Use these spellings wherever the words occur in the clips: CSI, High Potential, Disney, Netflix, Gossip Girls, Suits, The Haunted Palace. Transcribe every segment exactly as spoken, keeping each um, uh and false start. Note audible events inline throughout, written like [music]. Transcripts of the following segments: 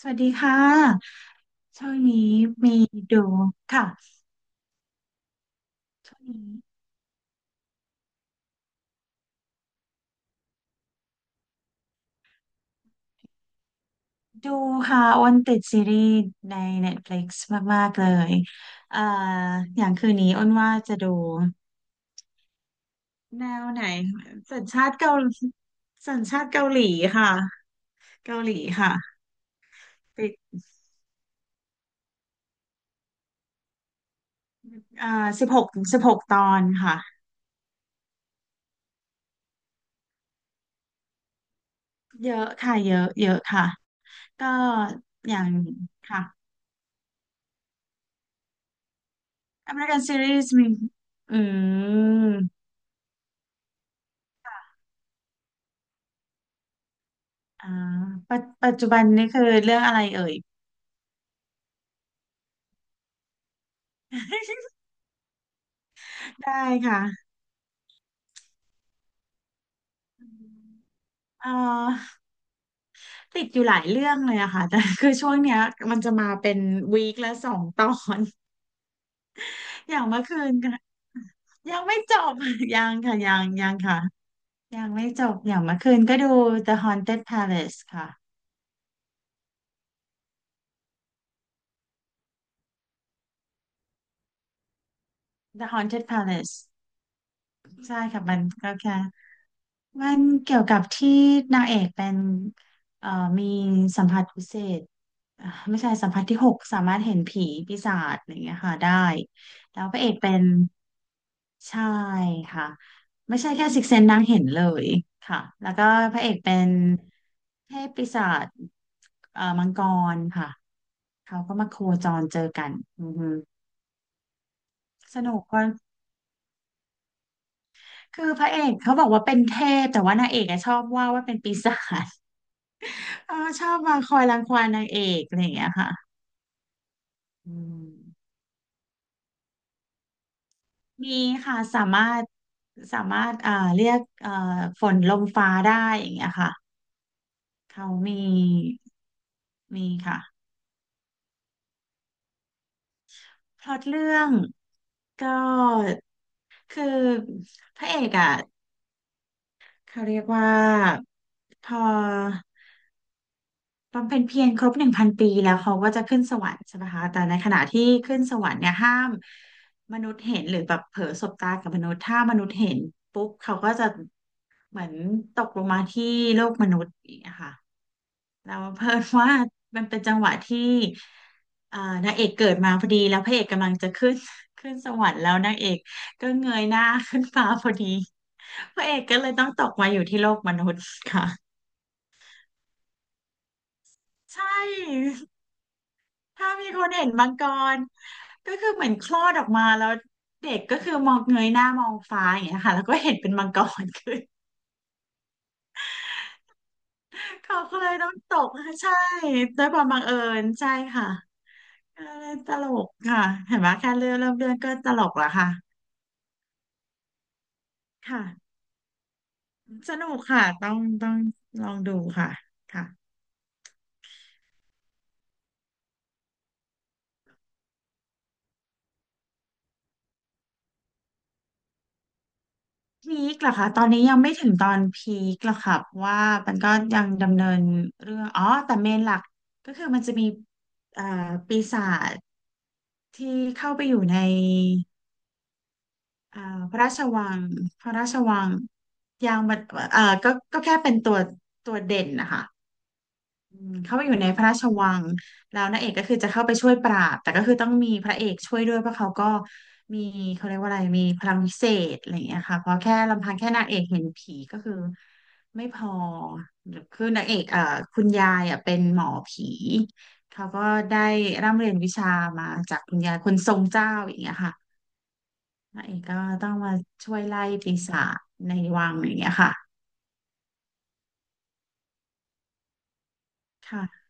สวัสดีค่ะ ช่วงนี้มีดูค่ะช่วงนี้ดูค่ะอ้นติดซีรีส์ใน Netflix มากๆเลยเอ่ออย่างคืนนี้อ้นว่าจะดูแนวไหนสัญชาติเกาหลีสัญชาติเกาหลีค่ะเกาหลีค่ะติดเอ่อสิบหกสิบหกตอนค่ะเยอะค่ะเยอะเยอะค่ะก็อย่างค่ะ American Series มีอืม อ่าปัจปัจจุบันนี่คือเรื่องอะไรเอ่ย [laughs] ได้ค่ะเอ่อติดอยู่หลายเรื่องเลยอะค่ะแต่ [laughs] คือช่วงเนี้ยมันจะมาเป็นวีคละสองตอน [laughs] อย่างเมื่อคืนก็ยังไม่จบ [laughs] ยังค่ะยังยังค่ะยังไม่จบอย่างเมื่อคืนก็ดู The Haunted Palace ค่ะ The Haunted Palace ใช่ค่ะมันก็แค่ มันเกี่ยวกับที่นางเอกเป็นเอ่อมีสัมผัสพิเศษ [laughs] เอ่อไม่ใช่สัมผัสที่หกสามารถเห็นผีปีศาจอะไรอย่างเงี้ยค่ะได้แล้วพระเอกเป็นใช่ค่ะไม่ใช่แค่ซิกเซนนางเห็นเลยค่ะแล้วก็พระเอกเป็นเทพปีศาจเอ่อมังกรค่ะเขาก็มาโคจรเจอกันอือฮึสนุกก็คือพระเอกเขาบอกว่าเป็นเทพแต่ว่านางเอกอะชอบว่าว่าเป็นปีศาจ เออชอบบางคอยรังควานนางเอกอะไรอย่างเงี้ยค่ะอืมมีค่ะสามารถสามารถอ่าเรียกเอ่อฝนลมฟ้าได้อย่างเงี้ยค่ะเขามีมีค่ะพล็อตเรื่องก็คือพระเอกอ่ะเขาเรียกว่าพอ บำเพ็ญเพียรครบหนึ่งพันปีแล้วเขาก็จะขึ้นสวรรค์ใช่ไหมคะแต่ในขณะที่ขึ้นสวรรค์เนี่ยห้ามมนุษย์เห็นหรือแบบเผลอสบตากับมนุษย์ถ้ามนุษย์เห็นปุ๊บเขาก็จะเหมือนตกลงมาที่โลกมนุษย์อย่างเงี้ยค่ะแล้วเพิ่นว่ามัน [laughs] เป็นจังหวะที่เอ่อนางเอกเกิดมาพอดีแล้วพระเอกกำลังจะขึ้น [laughs] ขึ้นสวรรค์แล้วนางเอกก็เงยหน้าขึ้นฟ้าพอดี [laughs] พระเอกก็เลยต้องตกมาอยู่ที่โลกมนุษย์ค่ะ [laughs] ใช่ ถ้ามีคนเห็นมังกรก็คือเหมือนคลอดออกมาแล้วเด็กก็คือมองเงยหน้ามองฟ้าอย่างเงี้ยค่ะแล้วก็เห็นเป็นมังกรคือเขาก็เลยต้องตกใช่ด้วยความบังเอิญใช่ค่ะก็เลยตลกค่ะเห็นไหมแค่เรื่องเริ่มเรื่องก็ตลกแล้วค่ะค่ะสนุกค่ะต้องต้องลองดูค่ะค่ะพีคเหรอคะตอนนี้ยังไม่ถึงตอนพีคหรอกค่ะเพราะว่ามันก็ยังดำเนินเรื่องอ๋อแต่เมนหลักก็คือมันจะมีเอ่อปีศาจ ที่เข้าไปอยู่ในอ่าพระราชวังพระราชวังยางบัดเอ่อก็ก็แค่เป็นตัวตัวเด่นนะคะอืมเข้าไปอยู่ในพระราชวังแล้วนางเอกก็คือจะเข้าไปช่วยปราบ แต่ก็คือต้องมีพระเอกช่วยด้วยเพราะเขาก็มีเขาเรียกว่าอะไรมีพลังพิเศษอะไรอย่างเงี้ยค่ะเพราะแค่ลำพังแค่นางเอกเห็นผีก็คือไม่พอคือนางเอกเอ่อคุณยายอ่ะเป็นหมอผี เขาก็ได้ร่ำเรียนวิชามาจากคุณยายคนทรงเจ้าอย่างเงี้ยค่ะ พระเอกก็ต้องมาช่วยไล่ปีศาจในวังอย่างเงี้ยค่ะค่ะ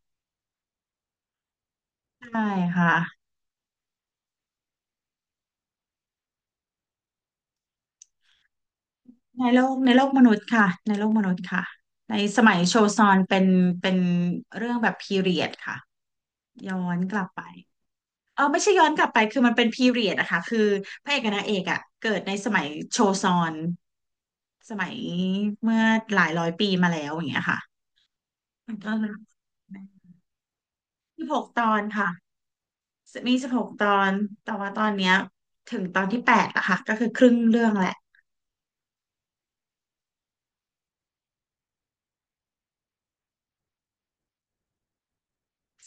ใช่ค่ะในโลกในโลกมนุษย์ค่ะในโลกมนุษย์ค่ะในสมัยโชซอนเป็นเป็นเรื่องแบบพีเรียดค่ะย้อนกลับไปเออไม่ใช่ย้อนกลับไปคือมันเป็นพีเรียดอะค่ะคือพระเอกกับนางเอกอะเกิดในสมัยโชซอนสมัยเมื่อหลายร้อยปีมาแล้วอย่างเงี้ยค่ะมันก็สิบหกตอนค่ะ มีสิบหกตอนแต่ว่าตอนเนี้ยถึงตอนที่แปดอะค่ะก็คือครึ่งเรื่องแหละ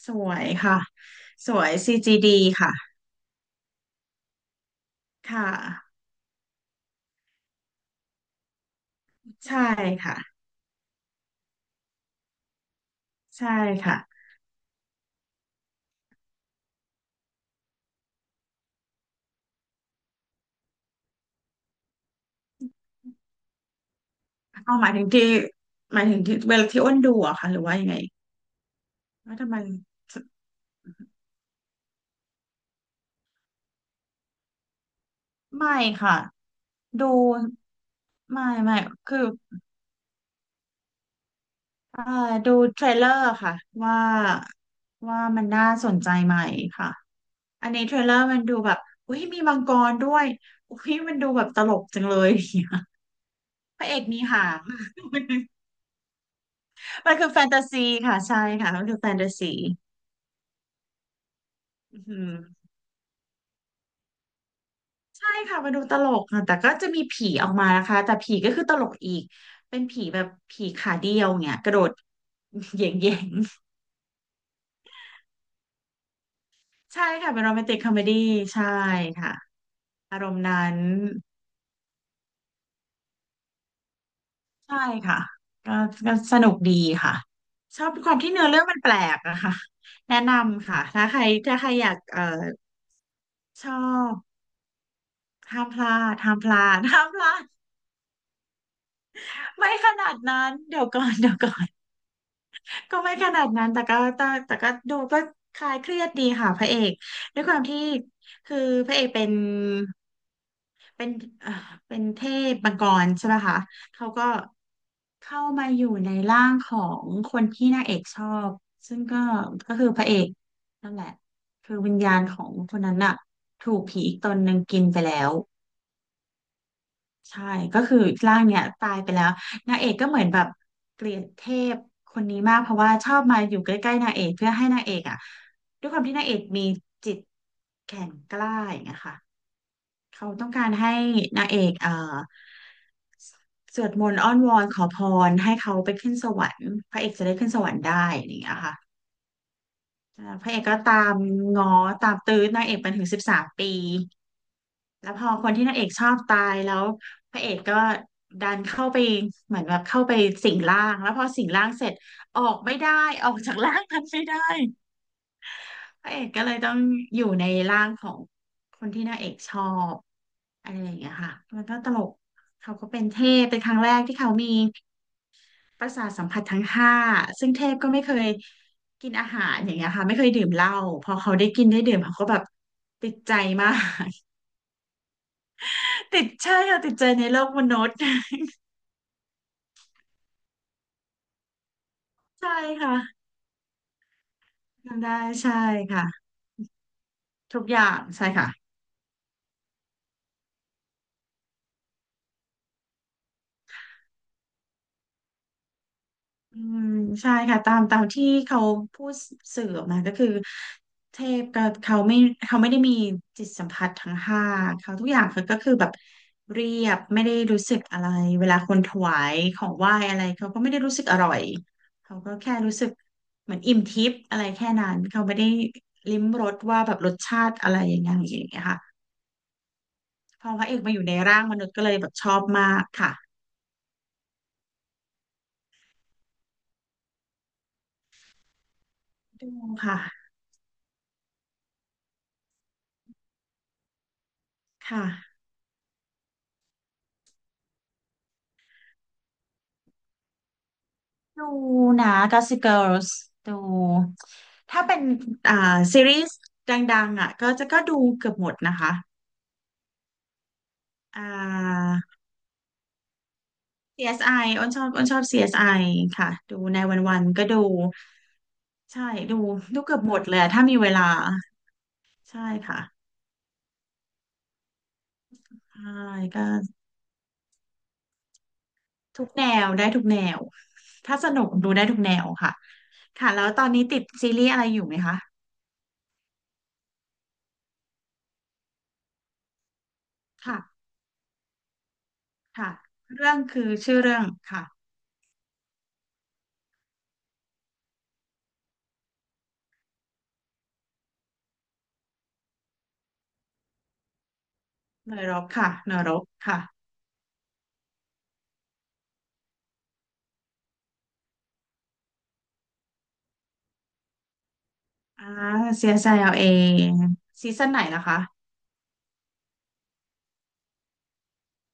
สวยค่ะสวย ซี จี ดี ค่ะค่ะใช่ค่ะใช่ค่ะเอาหมายถึงที่หมายถึงที่เวลาที่อ้นดูอะค่ะหรือว่ายังไงว่าทำไมไม่ค่ะดูไม่ไม่คือ อ่าดูเทรลเลอร์ค่ะว่าว่ามันน่าสนใจไหมค่ะอันนี้เทรลเลอร์มันดูแบบอุ้ยมีมังกรด้วยอุ้ยมันดูแบบตลกจังเลย [laughs] อย่างเงี้ยพระเอกมีหางมันคือแฟนตาซีค่ะใช่ค่ะมันคือแฟนตาซีอือหือใช่ค่ะมันดูตลกค่ะแต่ก็จะมีผีออกมานะคะแต่ผีก็คือตลกอีกเป็นผีแบบผีขาเดียวเนี่ยกระโดด [laughs] เหย่งๆใช่ค่ะเป็นโรแมนติกคอมเมดี้ใช่ค่ะอารมณ์นั้น ใช่ค่ะก็ก็สนุกดีค่ะชอบความที่เนื้อเรื่องมันแปลกอะค่ะแนะนำค่ะถ้าใครถ้าใครอยากเอ่อชอบห้ามพลาดห้ามพลาด [laughs] ห้ามพลาดไม่ขนาดนั้นเดี๋ยวก่อน [laughs] เดี๋ยวก่อนก็ไม่ขนาดนั้นแต่ก็แต่แต่ก็ดูก็คลายเครียดดีค่ะพระเอกด้วยความที่คือพระเอกเป็นเป็นเอ่อเป็นเทพมังกรใช่ไหมคะเขาก็ เข้ามาอยู่ในร่างของคนที่นางเอกชอบซึ่งก็ก็คือพระเอกนั่นแหละคือวิญญาณของคนนั้นน่ะถูกผีอีกตนหนึ่งกินไปแล้วใช่ก็คือร่างเนี่ยตายไปแล้วนางเอกก็เหมือนแบบเกลียดเทพคนนี้มากเพราะว่าชอบมาอยู่ใกล้ๆนางเอกเพื่อให้นางเอกอ่ะด้วยความที่นางเอกมีจิตแข็งกล้าอย่างเงี้ยค่ะ เขาต้องการให้นางเอกเอ่อสวดมนต์อ้อนวอนขอพรให้เขาไปขึ้นสวรรค์พระเอกจะได้ขึ้นสวรรค์ได้อะไรอย่างเงี้ยค่ะอ่าพระเอกก็ตามง้อตามตื้อนางเอกเป็นถึงสิบสามปีแล้วพอคนที่นางเอกชอบตายแล้วพระเอกก็ดันเข้าไปเหมือนแบบเข้าไปสิงร่างแล้วพอสิงร่างเสร็จออกไม่ได้ออกจากร่างนั้นไม่ได้ พระเอกก็เลยต้องอยู่ในร่างของคนที่นางเอกชอบอะไรอย่างเงี้ยค่ะมันก็ตลกเขาก็เป็นเทพเป็นครั้งแรกที่เขามีประสาทสัมผัสทั้งห้าซึ่งเทพก็ไม่เคยกินอาหารอย่างเงี้ยค่ะไม่เคยดื่มเหล้าพอเขาได้กินได้ดื่มเขาก็แบบติดใจมาก [laughs] ติดใช่ค่ะติดใจในโลกมนุษย์ [laughs] ใช่ค่ะทำได้ใช่ค่ะทุกอย่างใช่ค่ะ อืมใช่ค่ะตามตามที่เขาพูดสื่อออกมาก็คือเทพก็เขาไม่เขาไม่ได้มีจิตสัมผัสทั้งห้าเขาทุกอย่างเขาก็คือแบบเรียบไม่ได้รู้สึกอะไรเวลาคนถวายของไหว้อะไรเขาก็ไม่ได้รู้สึกอร่อยเขาก็แค่รู้สึกเหมือนอิ่มทิพย์อะไรแค่นั้นเขาไม่ได้ลิ้มรสว่าแบบรสชาติอะไรอย่างเงี้ยอย่างเงี้ยค่ะพอพระเอกมาอยู่ในร่างมนุษย์ก็เลยแบบชอบมากค่ะดูค่ะค่ะ ดูนะ Gossip Girls ดูถ้าเป็นอ่าซีรีส์ดังๆอ่ะก็จะก็ดูเกือบหมดนะคะอ่าซีเอสไออ้นชอบอ้นชอบ ซี เอส ไอ ค่ะดูในวันๆก็ดูใช่ดูดูเกือบหมดเลยอะถ้ามีเวลาใช่ค่ะใช่ก็ทุกแนวได้ทุกแนวถ้าสนุกดูได้ทุกแนวค่ะค่ะแล้วตอนนี้ติดซีรีส์อะไรอยู่ไหมคะค่ะค่ะเรื่องคือชื่อเรื่องค่ะเนรกค่ะเนรกค่ะ อ่า ซี เอส แอล เองซีซั่นไหนล่ะคะ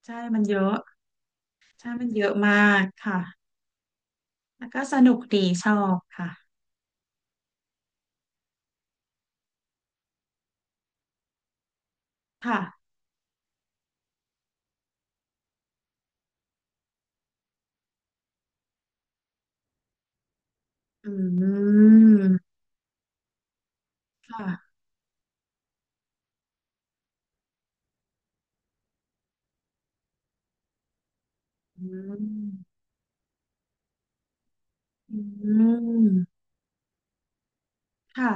ใช่มันเยอะใช่มันเยอะมากค่ะแล้วก็สนุกดีชอบค่ะค่ะอืมค่ะอืมอืมค่ะ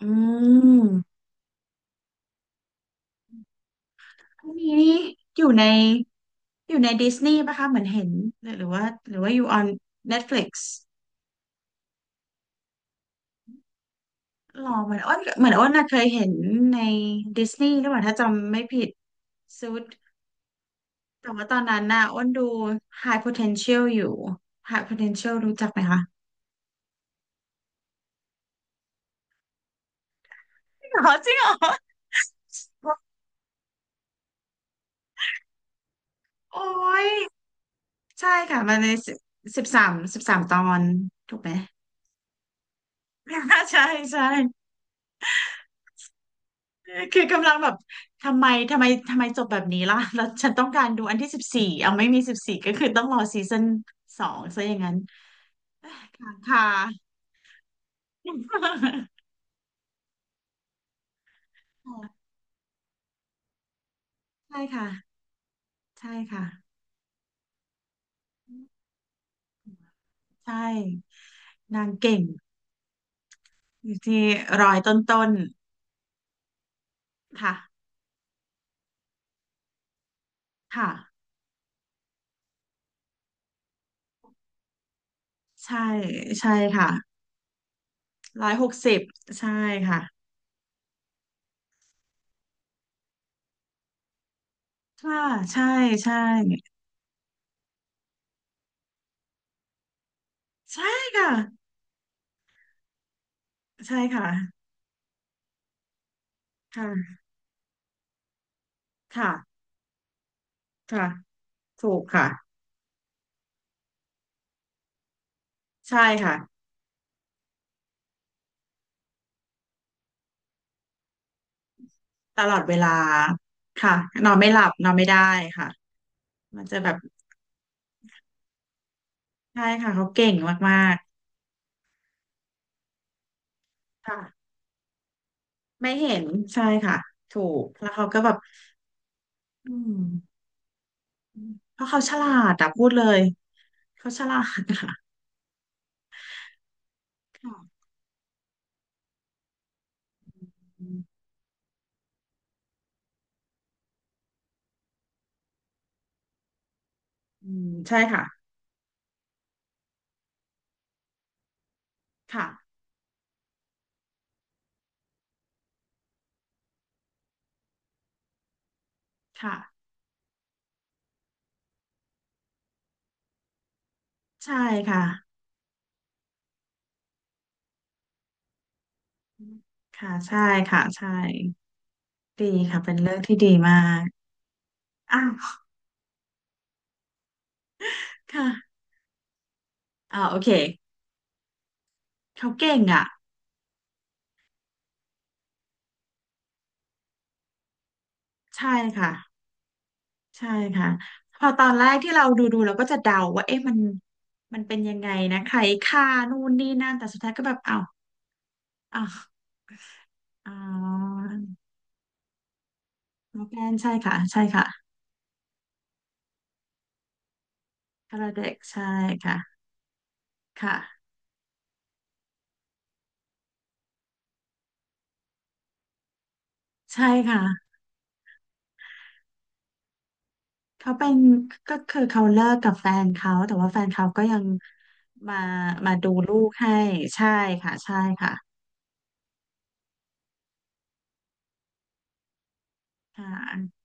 อืมอันนี้นี่อยู่ในอยู่ในดิสนีย์ปะคะเหมือนเห็นหรือหรือว่าหรือว่าอยู่ on Netflix หรอเหมือนอ้นเหมือนอ้นน่ะเคยเห็นในดิสนีย์หรือเปล่าถ้าจำไม่ผิด Suits แต่ว่าตอนนั้นน่ะอ้นดู High Potential อยู่ High Potential รู้จักไหมคะจริงเหรอจริงเหรอโอ้ยใช่ค่ะมันในสิบสามสิบสามตอนถูกไหม [laughs] ใช่ใช่คือกำลังแบบทำไมทำไมทำไมจบแบบนี้ล่ะแล้วฉันต้องการดูอันที่สิบสี่เอาไม่มีสิบสี่ก็คือต้องรอซีซั่นสองซะอย่างนั้นค่ะค่ะ [laughs] ใช่ค่ะใช่ค่ะใช่นางเก่ง อยู่ที่ร้อยต้นๆค่ะค่ะใช่ใช่ค่ะร้อยหกสิบใช่ค่ะค่ะใช่ใช่ใช่ค่ะใช่ค่ะค่ะค่ะค่ะถูกค่ะใช่ค่ะ ตลอดเวลาค่ะนอนไม่หลับนอนไม่ได้ค่ะมันจะแบบใช่ค่ะเขาเก่งมากๆค่ะไม่เห็นใช่ค่ะถูกแล้วเขาก็แบบอืมเพราะเขาฉลาดอะพูดเลยเขาฉลาดค่ะค่ะ อืมใช่ค่ะค่ะค่ะใช่ค่ะค่ะใช่ค่ะใช่ดีค่ะเป็นเรื่องที่ดีมากอ้าวค่ะอ่าโอเคเขาเก่งอ่ะใช่ค่ะใช่ค่ะพอตอนแรกที่เราดูดูเราก็จะเดาว่าเอ๊ะมันมันเป็นยังไงนะใครฆ่านู่นนี่นั่นแต่สุดท้ายก็แบบอ้าวอ้าวอ๋อโมแกนใช่ค่ะใช่ค่ะคาราเด็กใช่ค่ะค่ะใช่ค่ะ เขาเป็นก็คือเขาเลิกกับแฟนเขาแต่ว่าแฟนเขาก็ยังมามาดูลูกให้ใช่ค่ะใช่ค่ะค่ะ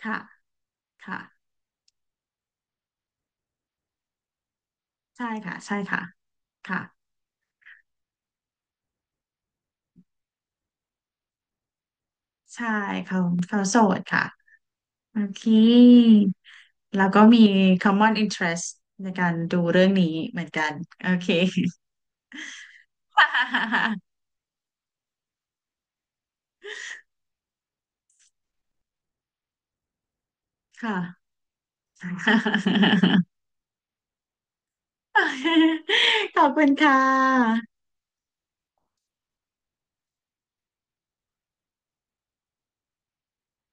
ค่ะค่ะใช่ค่ะใช่ค่ะค่ะใช่เขาเขาโสดค่ะโอเคแล้วก็มี common interest ในการดูเรื่องนี้เหมือนกันโอเค [laughs] ค่ะ [laughs] ขอบคุณค่ะ